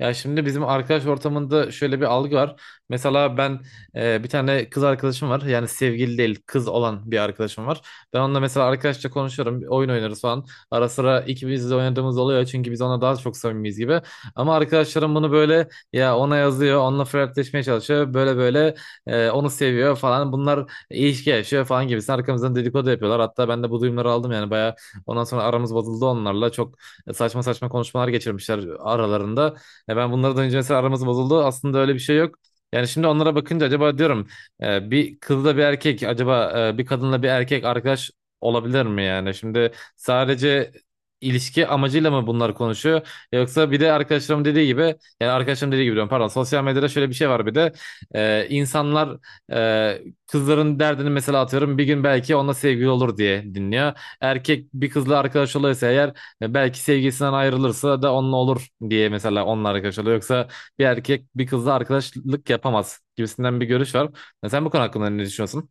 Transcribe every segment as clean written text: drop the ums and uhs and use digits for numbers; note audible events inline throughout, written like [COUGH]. Ya şimdi bizim arkadaş ortamında şöyle bir algı var. Mesela ben bir tane kız arkadaşım var. Yani sevgili değil kız olan bir arkadaşım var. Ben onunla mesela arkadaşça konuşuyorum. Oyun oynarız falan. Ara sıra ikimiz de oynadığımız oluyor. Çünkü biz ona daha çok samimiyiz gibi. Ama arkadaşlarım bunu böyle ya ona yazıyor. Onunla flörtleşmeye çalışıyor. Böyle böyle onu seviyor falan. Bunlar ilişki yaşıyor falan gibi. Arkamızdan dedikodu yapıyorlar. Hatta ben de bu duyumları aldım yani. Bayağı ondan sonra aramız bozuldu onlarla. Çok saçma saçma konuşmalar geçirmişler aralarında. Ya ben bunlardan önce mesela aramız bozuldu. Aslında öyle bir şey yok. Yani şimdi onlara bakınca acaba diyorum bir kızla bir erkek acaba bir kadınla bir erkek arkadaş olabilir mi yani? Şimdi sadece ilişki amacıyla mı bunlar konuşuyor? Yoksa bir de arkadaşlarım dediği gibi yani arkadaşlarım dediği gibi diyorum, pardon, sosyal medyada şöyle bir şey var bir de e, insanlar e, kızların derdini mesela atıyorum bir gün belki onunla sevgili olur diye dinliyor. Erkek bir kızla arkadaş oluyorsa eğer ya belki sevgisinden ayrılırsa da onunla olur diye mesela onunla arkadaş oluyor. Yoksa bir erkek bir kızla arkadaşlık yapamaz gibisinden bir görüş var. Ya sen bu konu hakkında ne düşünüyorsun?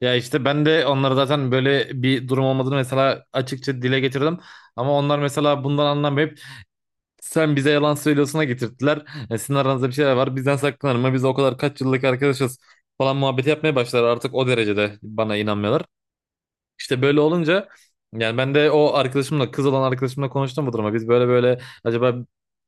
Ya işte ben de onlara zaten böyle bir durum olmadığını mesela açıkça dile getirdim. Ama onlar mesela bundan anlamayıp sen bize yalan söylüyorsun'a getirttiler. E sizin aranızda bir şeyler var, bizden saklanır mı? Biz o kadar kaç yıllık arkadaşız falan muhabbeti yapmaya başlar, artık o derecede bana inanmıyorlar. İşte böyle olunca yani ben de o arkadaşımla, kız olan arkadaşımla konuştum bu duruma. Biz böyle böyle acaba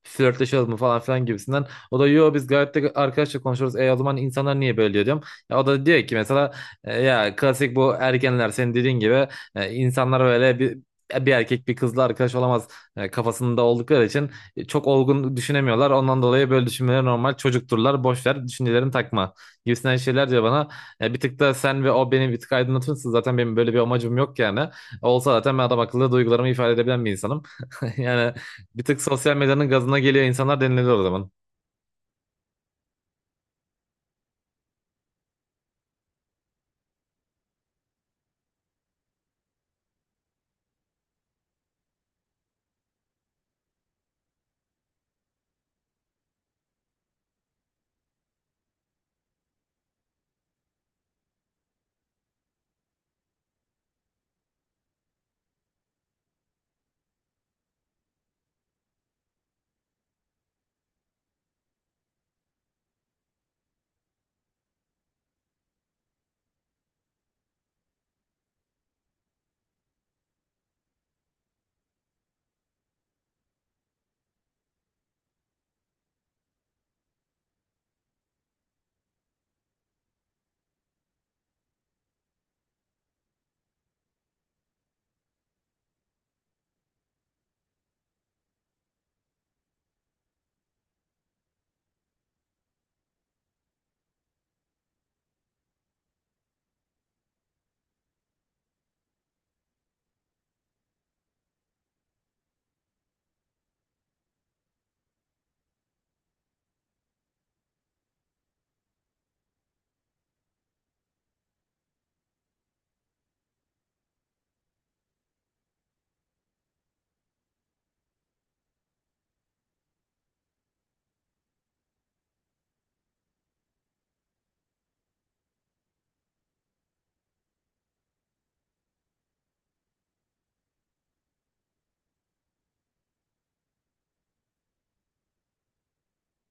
flörtleşelim mu falan filan gibisinden. O da yo biz gayet de arkadaşça konuşuyoruz. E o zaman insanlar niye böyle diyor diyorum. Ya o da diyor ki mesela "E, ya klasik bu ergenler senin dediğin gibi insanlar böyle bir erkek bir kızla arkadaş olamaz kafasında oldukları için çok olgun düşünemiyorlar. Ondan dolayı böyle düşünmeleri normal. Çocukturlar. Boş ver. Düşüncelerini takma." Gibisinden şeyler diyor bana. E bir tık da sen ve o beni bir tık aydınlatıyorsun. Zaten benim böyle bir amacım yok yani. Olsa zaten ben adam akıllı duygularımı ifade edebilen bir insanım. [LAUGHS] Yani bir tık sosyal medyanın gazına geliyor insanlar denilebilir o zaman.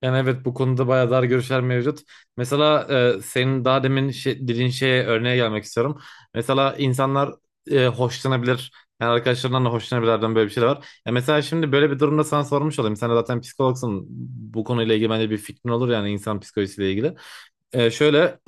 Yani evet bu konuda bayağı dar görüşler mevcut. Mesela senin daha demin dediğin şeye, örneğe gelmek istiyorum. Mesela insanlar hoşlanabilir. Yani arkadaşlarından da hoşlanabilirden böyle bir şey de var. Ya mesela şimdi böyle bir durumda sana sormuş olayım. Sen de zaten psikologsun. Bu konuyla ilgili bence bir fikrin olur yani, insan psikolojisiyle ilgili. E, şöyle, [CLEARS THROAT]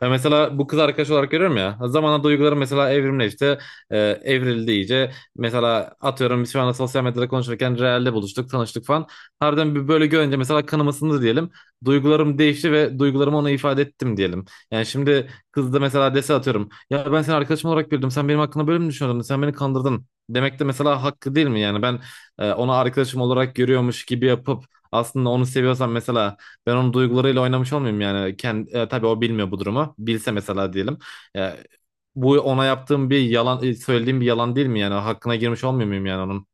ben mesela bu kız arkadaş olarak görüyorum ya. Zamanla duygularım mesela evrimle işte e, evrildi iyice. Mesela atıyorum biz şu anda sosyal medyada konuşurken realde buluştuk, tanıştık falan. Harbiden bir böyle görünce mesela kanım ısındı diyelim. Duygularım değişti ve duygularımı ona ifade ettim diyelim. Yani şimdi kız da mesela dese atıyorum. Ya ben seni arkadaşım olarak bildim. Sen benim hakkında böyle mi düşünüyordun? Sen beni kandırdın. Demek de mesela hakkı değil mi? Yani ben onu arkadaşım olarak görüyormuş gibi yapıp aslında onu seviyorsam mesela ben onun duygularıyla oynamış olmayayım yani. Kendi, tabii o bilmiyor bu durumu. Bilse mesela diyelim. E, bu ona yaptığım bir yalan, söylediğim bir yalan değil mi yani? Hakkına girmiş olmuyor muyum yani onun?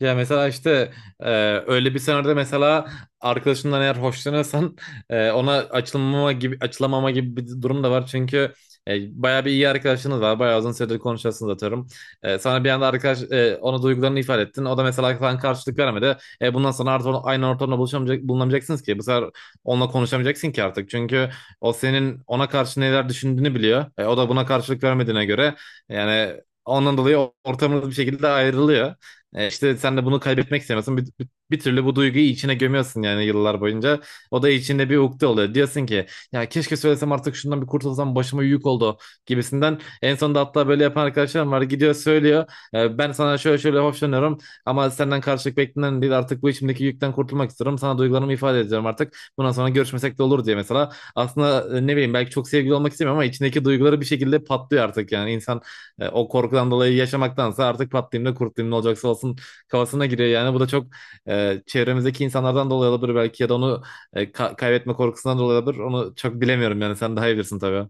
Ya mesela işte e, öyle bir senaryoda mesela arkadaşından eğer hoşlanıyorsan ona açılmama gibi açılamama gibi bir durum da var. Çünkü bayağı bir iyi arkadaşınız var. Bayağı uzun süredir konuşuyorsunuz atıyorum. E, sana bir anda ona duygularını ifade ettin. O da mesela sana karşılık vermedi. E, bundan sonra artık aynı ortamda bulunamayacaksınız ki. Bu sefer onunla konuşamayacaksın ki artık. Çünkü o senin ona karşı neler düşündüğünü biliyor. E, o da buna karşılık vermediğine göre yani ondan dolayı ortamınız bir şekilde ayrılıyor. E, işte sen de bunu kaybetmek istemiyorsun. Bir türlü bu duyguyu içine gömüyorsun yani yıllar boyunca. O da içinde bir ukde oluyor. Diyorsun ki ya keşke söylesem artık, şundan bir kurtulsam, başıma yük oldu gibisinden. En sonunda hatta böyle yapan arkadaşlarım var. Gidiyor söylüyor. E, ben sana şöyle şöyle hoşlanıyorum ama senden karşılık beklenen değil. Artık bu içimdeki yükten kurtulmak istiyorum. Sana duygularımı ifade edeceğim artık. Bundan sonra görüşmesek de olur diye mesela. Aslında ne bileyim belki çok sevgili olmak istemiyorum ama içindeki duyguları bir şekilde patlıyor artık yani. İnsan o korkudan dolayı yaşamaktansa artık patlayayım da kurtulayım, ne olacaksa olsun kafasına giriyor yani. Bu da çok çevremizdeki insanlardan dolayı olabilir belki ya da onu kaybetme korkusundan dolayı olabilir. Onu çok bilemiyorum yani, sen daha iyi bilirsin tabii.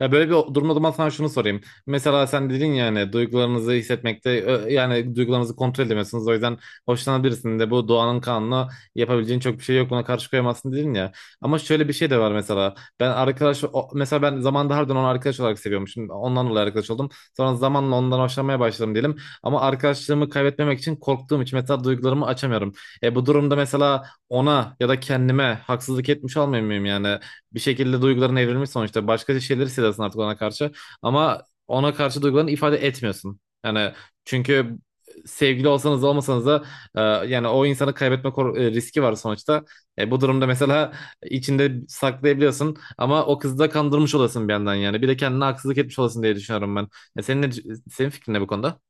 Ya böyle bir durumda o zaman sana şunu sorayım. Mesela sen dedin ya hani duygularınızı yani duygularınızı kontrol edemiyorsunuz. O yüzden hoşlanan birisinin de bu doğanın kanunu, yapabileceğin çok bir şey yok. Ona karşı koyamazsın dedin ya. Ama şöyle bir şey de var mesela. Ben mesela ben zamanında harbiden onu arkadaş olarak seviyormuşum. Ondan dolayı arkadaş oldum. Sonra zamanla ondan hoşlanmaya başladım diyelim. Ama arkadaşlığımı kaybetmemek için, korktuğum için mesela duygularımı açamıyorum. E bu durumda mesela ona ya da kendime haksızlık etmiş olmuyor muyum yani? Bir şekilde duyguların evrilmiş sonuçta. Başka şeyleri hissediyorsun artık ona karşı. Ama ona karşı duygularını ifade etmiyorsun. Yani çünkü sevgili olsanız da olmasanız da e, yani o insanı riski var sonuçta. E, bu durumda mesela içinde saklayabiliyorsun ama o kızı da kandırmış olasın bir yandan yani. Bir de kendine haksızlık etmiş olasın diye düşünüyorum ben. E, senin ne, senin fikrin ne bu konuda?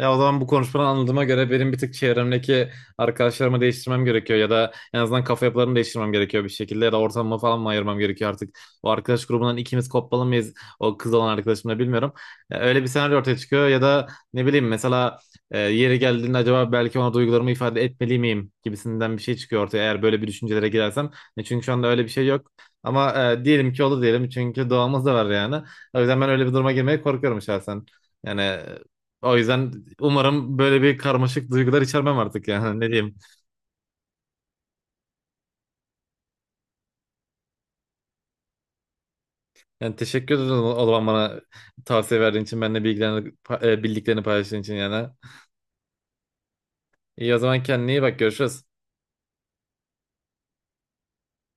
Ya o zaman bu konuşmadan anladığıma göre benim bir tık çevremdeki arkadaşlarımı değiştirmem gerekiyor ya da en azından kafa yapılarını değiştirmem gerekiyor bir şekilde ya da ortamımı falan mı ayırmam gerekiyor artık. O arkadaş grubundan ikimiz kopmalı mıyız o kız olan arkadaşımla, bilmiyorum. Ya öyle bir senaryo ortaya çıkıyor ya da ne bileyim mesela yeri geldiğinde acaba belki ona duygularımı ifade etmeli miyim gibisinden bir şey çıkıyor ortaya eğer böyle bir düşüncelere girersem. E, çünkü şu anda öyle bir şey yok. Ama diyelim ki olur diyelim, çünkü doğamız da var yani. O yüzden ben öyle bir duruma girmeye korkuyorum şahsen. Yani o yüzden umarım böyle bir karmaşık duygular içermem artık yani. [LAUGHS] Ne diyeyim. Yani teşekkür ederim o zaman bana tavsiye verdiğin için, benimle bilgilerini, bildiklerini paylaştığın için yani. İyi o zaman, kendine iyi bak, görüşürüz.